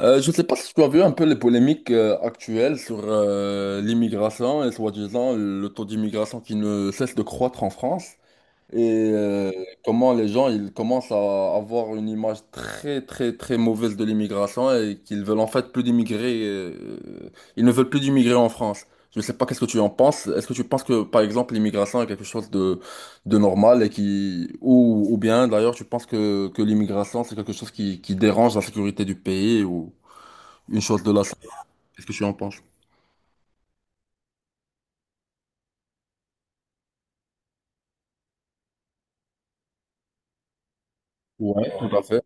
Je ne sais pas si tu as vu un peu les polémiques actuelles sur l'immigration et soi-disant le taux d'immigration qui ne cesse de croître en France et comment les gens ils commencent à avoir une image très très très mauvaise de l'immigration et qu'ils veulent en fait plus d'immigrer, ils ne veulent plus d'immigrer en France. Je ne sais pas qu'est-ce que tu en penses. Est-ce que tu penses que par exemple l'immigration est quelque chose de normal et qui ou bien d'ailleurs tu penses que l'immigration c'est quelque chose qui dérange la sécurité du pays ou une chose de la salle. Qu'est-ce que tu en penses? Ouais, tout à fait.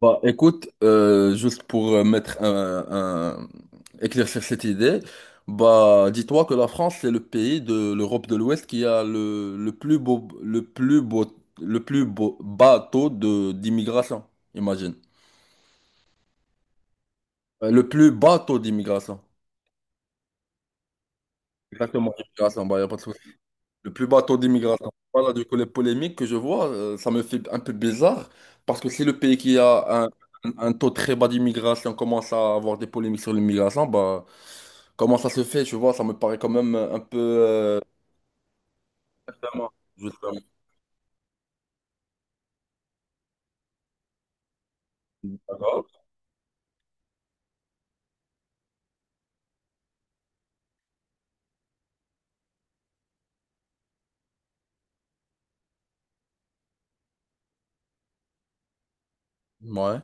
Bah, écoute, juste pour mettre éclaircir cette idée, bah, dis-toi que la France, c'est le pays de l'Europe de l'Ouest qui a le plus beau, le plus beau, le plus beau bateau de d'immigration, imagine. Le plus bateau d'immigration. Exactement, d'immigration, bah, y a pas de souci. Le plus bas taux d'immigration. Voilà, du coup, les polémiques que je vois, ça me fait un peu bizarre parce que si le pays qui a un, un taux très bas d'immigration commence à avoir des polémiques sur l'immigration, bah, comment ça se fait, tu vois, ça me paraît quand même un peu... Justement. Justement. D'accord. Ouais.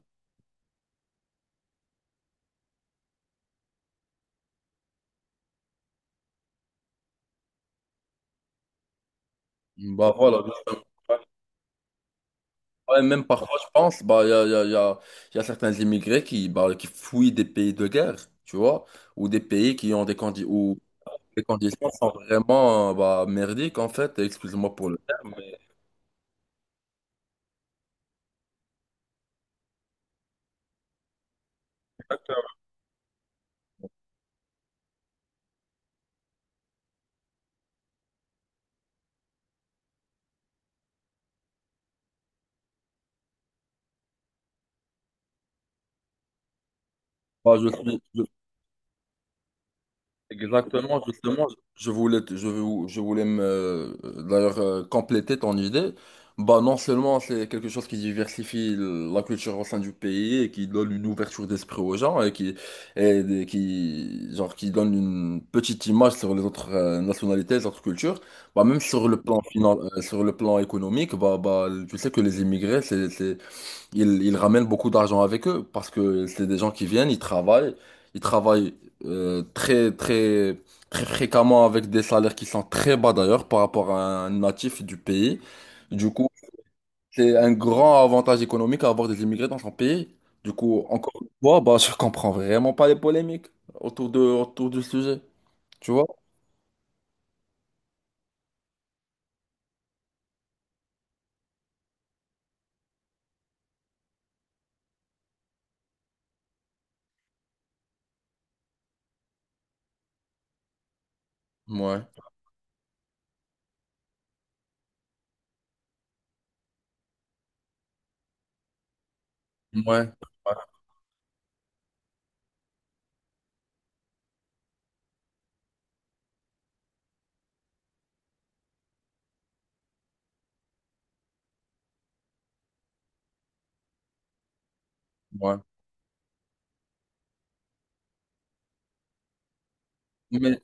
Bah voilà, justement. Ouais, même parfois, je pense, bah, il y a, y a- y a- y a certains immigrés qui, bah, qui fuient des pays de guerre, tu vois, ou des pays qui ont des candidats, Les conditions sont vraiment bah, merdiques en fait. Excuse-moi pour le. Bah, je suis- je- Exactement, justement, je voulais, te- je, vou- je voulais me d'ailleurs compléter ton idée. Bah, non seulement c'est quelque chose qui diversifie la culture au sein du pays et qui donne une ouverture d'esprit aux gens et qui, genre, qui donne une petite image sur les autres nationalités, les autres cultures. Bah, même sur le plan sur le plan économique, bah, tu sais que les immigrés, ils, ils ramènent beaucoup d'argent avec eux parce que c'est des gens qui viennent, ils travaillent très très très fréquemment avec des salaires qui sont très bas d'ailleurs par rapport à un natif du pays. Du coup, c'est un grand avantage économique à avoir des immigrés dans son pays. Du coup, encore une fois, bah, je comprends vraiment pas les polémiques autour du sujet, tu vois? Ouais, ouais, ouais. Mais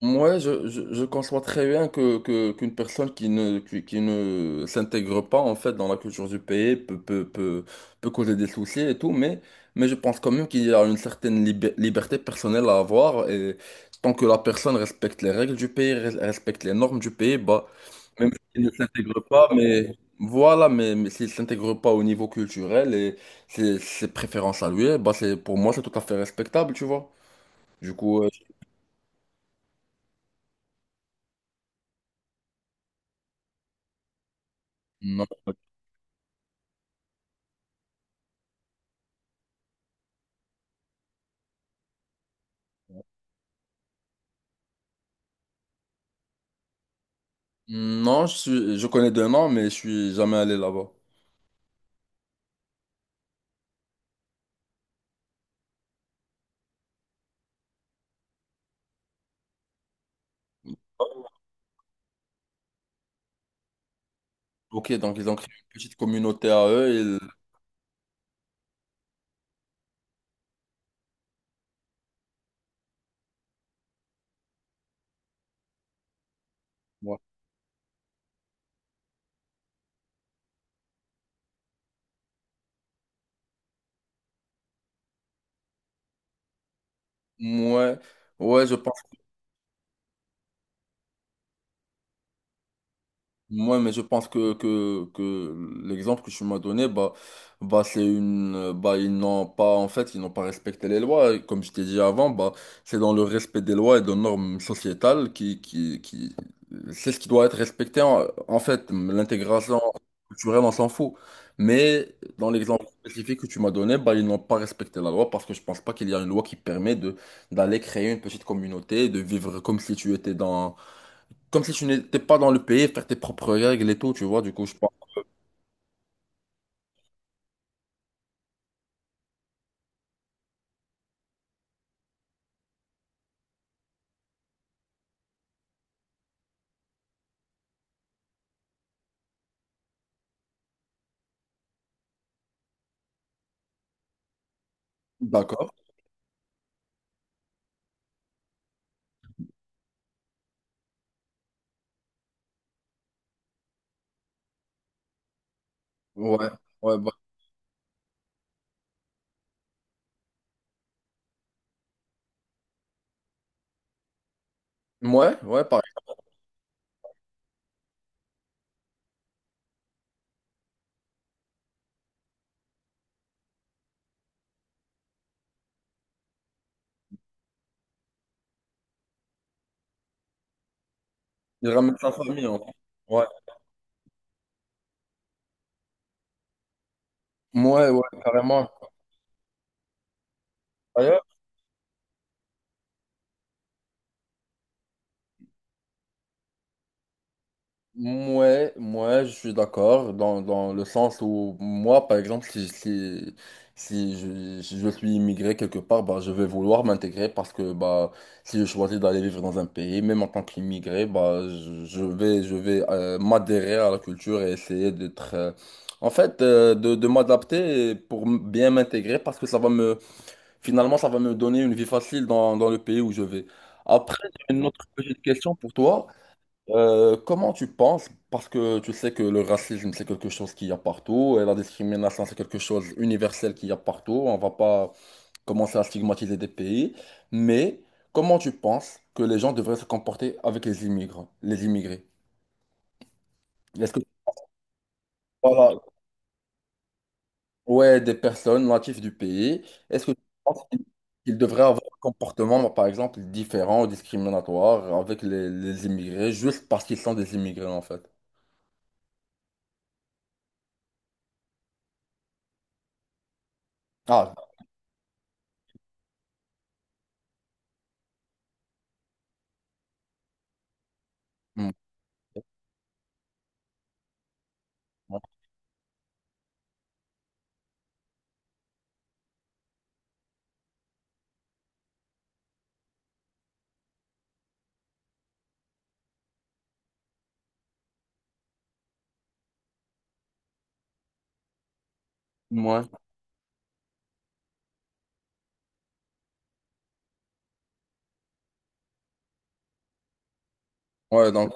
moi, je conçois très bien qu'une personne qui ne, qui ne s'intègre pas en fait dans la culture du pays peut causer des soucis et tout, mais je pense quand même qu'il y a une certaine liberté personnelle à avoir et tant que la personne respecte les règles du pays, respecte les normes du pays, bah, même s'il ne s'intègre pas, mais voilà, mais s'il ne s'intègre pas au niveau culturel et ses préférences à lui, bah, c'est, pour moi, c'est tout à fait respectable, tu vois. Du coup, euh, non. Non, je suis, je connais deux noms, mais je suis jamais allé là-bas. Ok, donc ils ont créé une petite communauté à eux. Ils... Ouais, ouais, ouais, je pense. Moi, mais je pense que l'exemple que tu m'as donné, bah, bah, c'est une, bah, ils n'ont pas, en fait, ils n'ont pas respecté les lois. Et comme je t'ai dit avant, bah, c'est dans le respect des lois et des normes sociétales c'est ce qui doit être respecté. En fait, l'intégration culturelle, on s'en fout. Mais dans l'exemple spécifique que tu m'as donné, bah, ils n'ont pas respecté la loi parce que je pense pas qu'il y a une loi qui permet de, d'aller créer une petite communauté, de vivre comme si tu étais dans, comme si tu n'étais pas dans le pays, faire tes propres règles et tout, tu vois, du coup, je pense. D'accord. Ouais, ouais, bah, ouais, pareil. Il ramène sa famille, en fait. Ouais, ouais, carrément. Ouais, moi je suis d'accord dans, dans le sens où moi par exemple si je, si je suis immigré quelque part bah, je vais vouloir m'intégrer parce que bah si je choisis d'aller vivre dans un pays même en tant qu'immigré bah je vais m'adhérer à la culture et essayer d'être en fait de m'adapter pour bien m'intégrer parce que ça va me finalement ça va me donner une vie facile dans, dans le pays où je vais. Après j'ai une autre petite question pour toi. Comment tu penses, parce que tu sais que le racisme c'est quelque chose qu'il y a partout et la discrimination c'est quelque chose universel qu'il y a partout, on va pas commencer à stigmatiser des pays, mais comment tu penses que les gens devraient se comporter avec les immigrants, les immigrés? Est-ce que voilà, ouais, des personnes natives du pays, est-ce que tu penses qu'ils devraient avoir un comportement par exemple différent ou discriminatoire avec les immigrés juste parce qu'ils sont des immigrés en fait? Ah, hmm. ouais, ouais, donc.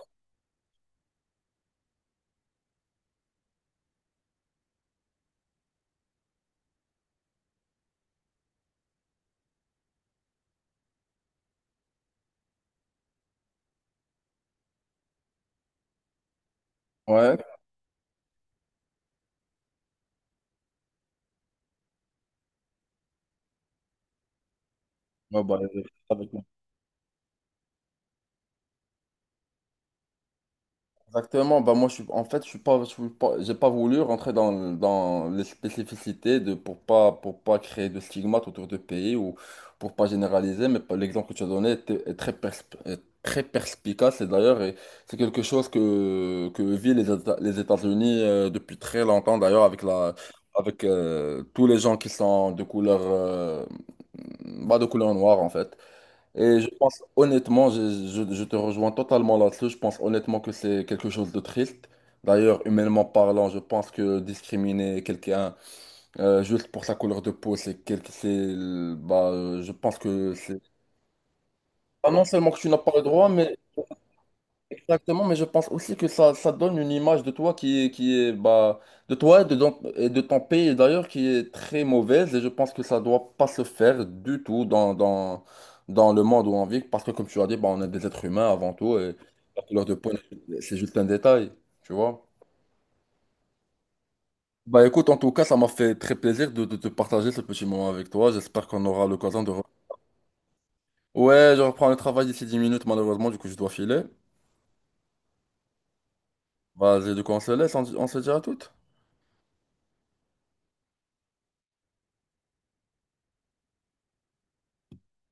Ouais, ouais, bah, euh, avec- exactement. Bah, moi, je suis, en fait, je suis j'ai pas voulu rentrer dans, dans les spécificités de, pour pas créer de stigmates autour de pays ou pour pas généraliser. Mais l'exemple que tu as donné est très, est très perspicace. Et d'ailleurs, et c'est quelque chose que vivent les, les États-Unis depuis très longtemps, d'ailleurs, avec la, avec tous les gens qui sont de couleur, bah, de couleur noire, en fait. Et je pense honnêtement, je te rejoins totalement là-dessus. Je pense honnêtement que c'est quelque chose de triste. D'ailleurs, humainement parlant, je pense que discriminer quelqu'un juste pour sa couleur de peau, c'est quelque, c'est, bah, je pense que c'est. Ah, non seulement que tu n'as pas le droit, mais exactement, mais je pense aussi que ça donne une image de toi qui est bah, de toi et de, et de ton pays d'ailleurs qui est très mauvaise et je pense que ça doit pas se faire du tout dans le monde où on vit parce que comme tu as dit, bah, on est des êtres humains avant tout et la couleur de peau, c'est juste un détail, tu vois. Bah écoute, en tout cas, ça m'a fait très plaisir de partager ce petit moment avec toi. J'espère qu'on aura l'occasion de... re- Ouais, je reprends le travail d'ici 10 minutes malheureusement, du coup je dois filer. Vas-y, du coup on se laisse, on se dit à toutes.